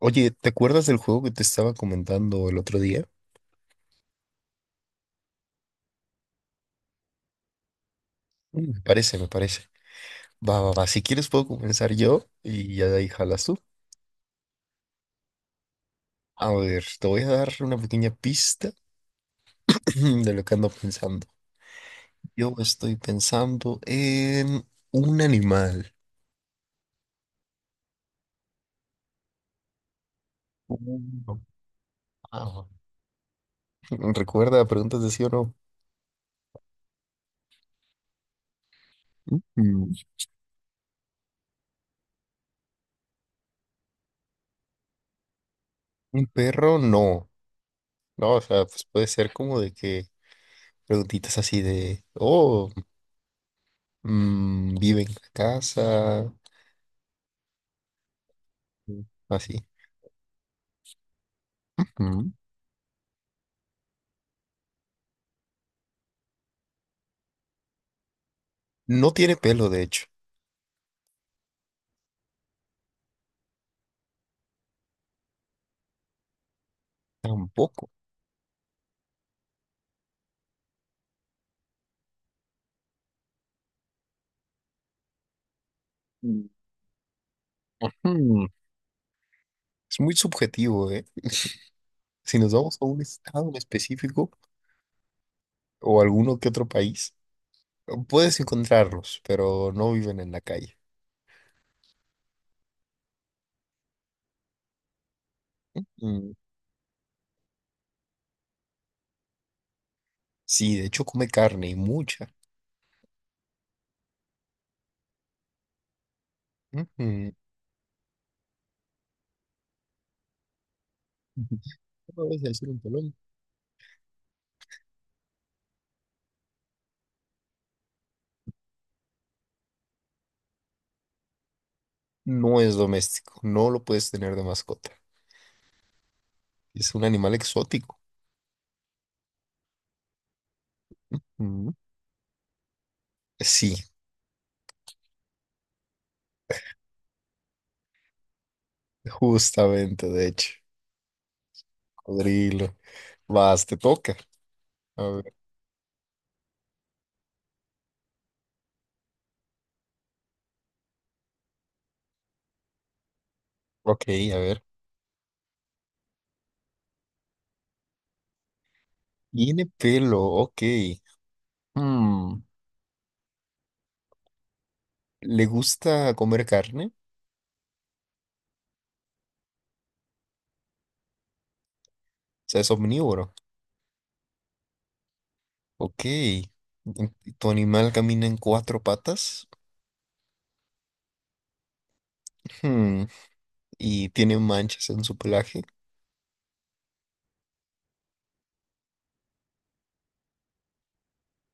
Oye, ¿te acuerdas del juego que te estaba comentando el otro día? Me parece. Va. Si quieres puedo comenzar yo y ya de ahí jalas tú. A ver, te voy a dar una pequeña pista de lo que ando pensando. Yo estoy pensando en un animal. Un pájaro. Recuerda, preguntas de sí o no. Mm. Un perro, no. No, o sea, pues puede ser como de que preguntitas así de, oh, mm, vive en la casa, así. Mm. No tiene pelo, de hecho, tampoco. Mm. Hmm, Es muy subjetivo, ¿eh? Si nos vamos a un estado en específico o alguno que otro país, puedes encontrarlos, pero no viven en la calle. Mm, sí, de hecho come carne y mucha. Ujú. ¿Cómo ves al un pelón? No es doméstico, no lo puedes tener de mascota. Es un animal exótico. Mm. Sí, justamente, de hecho. Cocodrilo. Vas, te toca. A ver, ok, a ver. Tiene pelo, ok. Hmm, ¿Le gusta comer carne? O sea, es omnívoro. Ok. ¿Tu animal camina en cuatro patas? Hmm, ¿Y tiene manchas en su pelaje?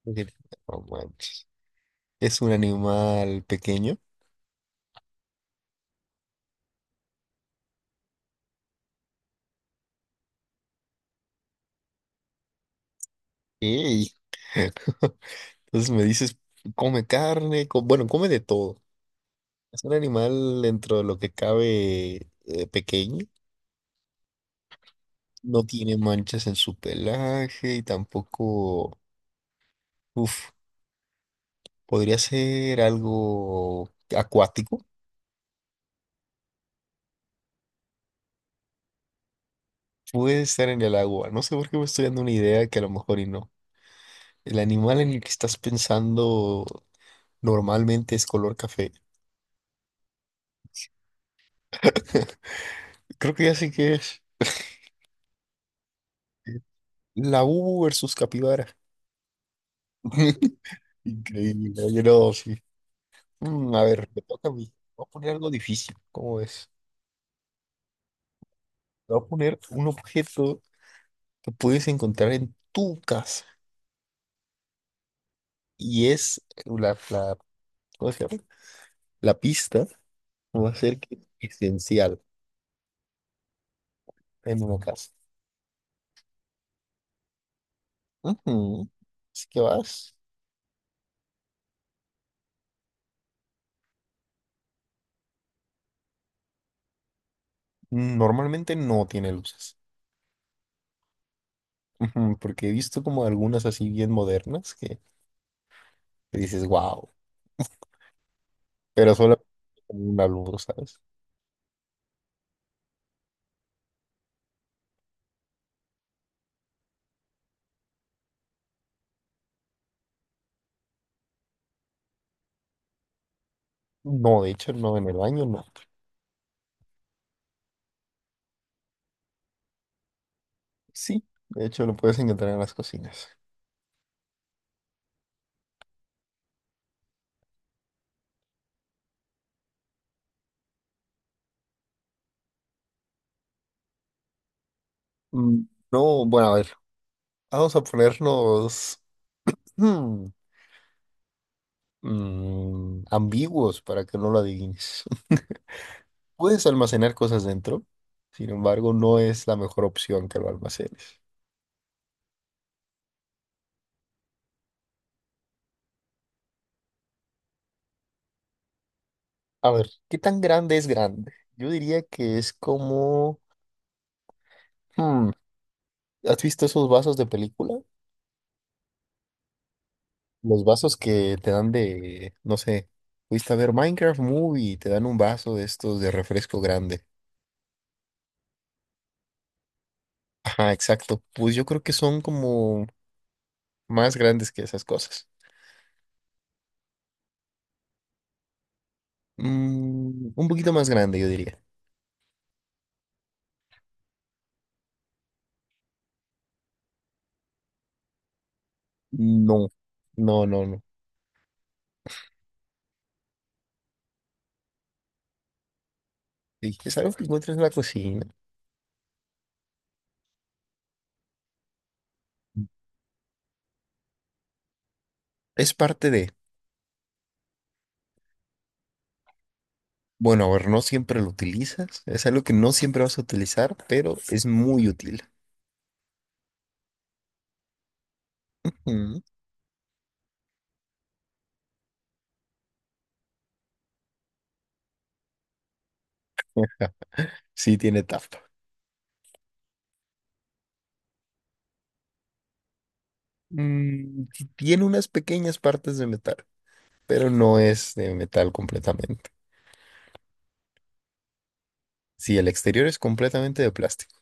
Ok, no manches. ¿Es un animal pequeño? Ey, entonces me dices, come carne, bueno, come de todo. Es un animal dentro de lo que cabe pequeño. No tiene manchas en su pelaje y tampoco... Uf. Podría ser algo acuático. Puede estar en el agua. No sé por qué me estoy dando una idea que a lo mejor y no. El animal en el que estás pensando normalmente es color café. Creo que ya sé qué es. La U versus capibara. Increíble. Oye, no, sí. Mm, a ver, me toca a mí. Voy a poner algo difícil. ¿Cómo ves? Voy a poner un objeto que puedes encontrar en tu casa. Y es ¿cómo se llama? La pista va a ser que es esencial en una casa. Ujú. Así que vas. Mm, normalmente no tiene luces. Ujú, porque he visto como algunas así bien modernas que dices, wow, pero solo con una luz, ¿sabes? No, de hecho, no, en el baño no. Sí, de hecho lo puedes encontrar en las cocinas. Mm, no, bueno, a ver, vamos a ponernos mm, ambiguos para que no lo adivines. Puedes almacenar cosas dentro, sin embargo, no es la mejor opción que lo almacenes. A ver, ¿qué tan grande es grande? Yo diría que es como... hmm, ¿has visto esos vasos de película? Los vasos que te dan de, no sé, fuiste a ver Minecraft Movie y te dan un vaso de estos de refresco grande. Ajá, exacto. Pues yo creo que son como más grandes que esas cosas. Mm, un poquito más grande, yo diría. No, no. Sí, es algo que encuentras en la cocina. Es parte de... Bueno, a ver, no siempre lo utilizas. Es algo que no siempre vas a utilizar, pero es muy útil. Mm. Sí, tiene tapa. Mm, sí tiene unas pequeñas partes de metal, pero no es de metal completamente. Sí, el exterior es completamente de plástico.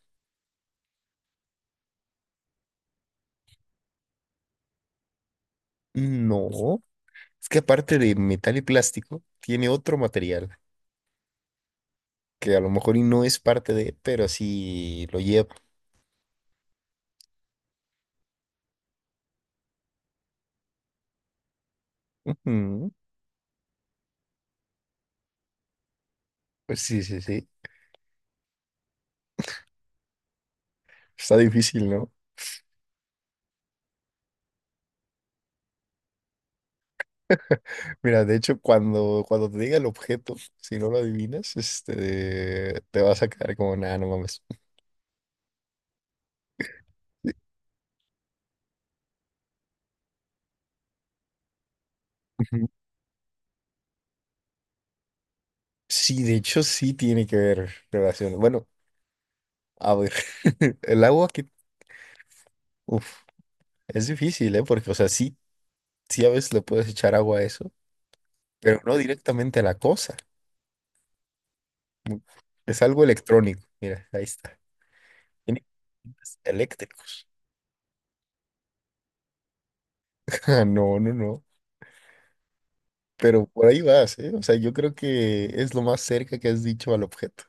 No, es que aparte de metal y plástico, tiene otro material que a lo mejor y no es parte de, pero sí lo lleva. Ujú. Pues sí, sí, sí. Está difícil, ¿no? Mira, de hecho, cuando te diga el objeto, si no lo adivinas, este, te vas a quedar como, nada, no mames. Ujú. Sí, de hecho, sí tiene que ver relación. Bueno, a ver, el uf, es difícil, ¿eh? Porque, o sea, sí a veces le puedes echar agua a eso, pero no directamente a la cosa. Mm, Es algo electrónico. Mira, ahí está. Tiene componentes eléctricos. Ah, no, no, no. Pero por ahí vas, ¿eh? O sea, yo creo que es lo más cerca que has dicho al objeto.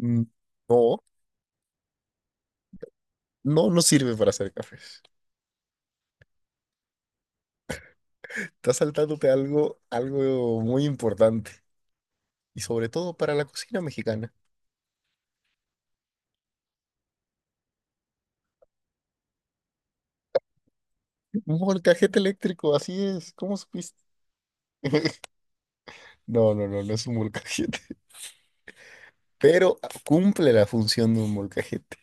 Mm, no. No, no sirve para hacer cafés. Estás saltándote algo, algo muy importante. Y sobre todo para la cocina mexicana. Un molcajete eléctrico, así es. ¿Cómo supiste? No, no, no, no es un molcajete. Pero cumple la función de un molcajete.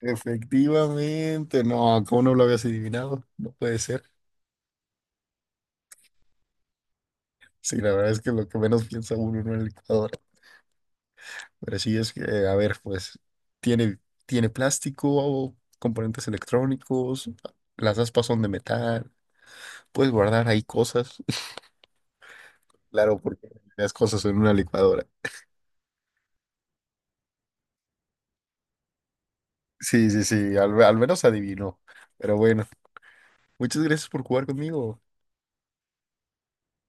Efectivamente. No, ¿cómo no lo habías adivinado? No puede ser. Sí, la verdad es que lo que menos piensa uno en una licuadora. Pero sí es que, a ver, pues, tiene, tiene plástico, componentes electrónicos, las aspas son de metal. Puedes guardar ahí cosas. Claro, porque las cosas en una licuadora. Sí, sí, sí, al menos adivinó. Pero bueno, muchas gracias por jugar conmigo.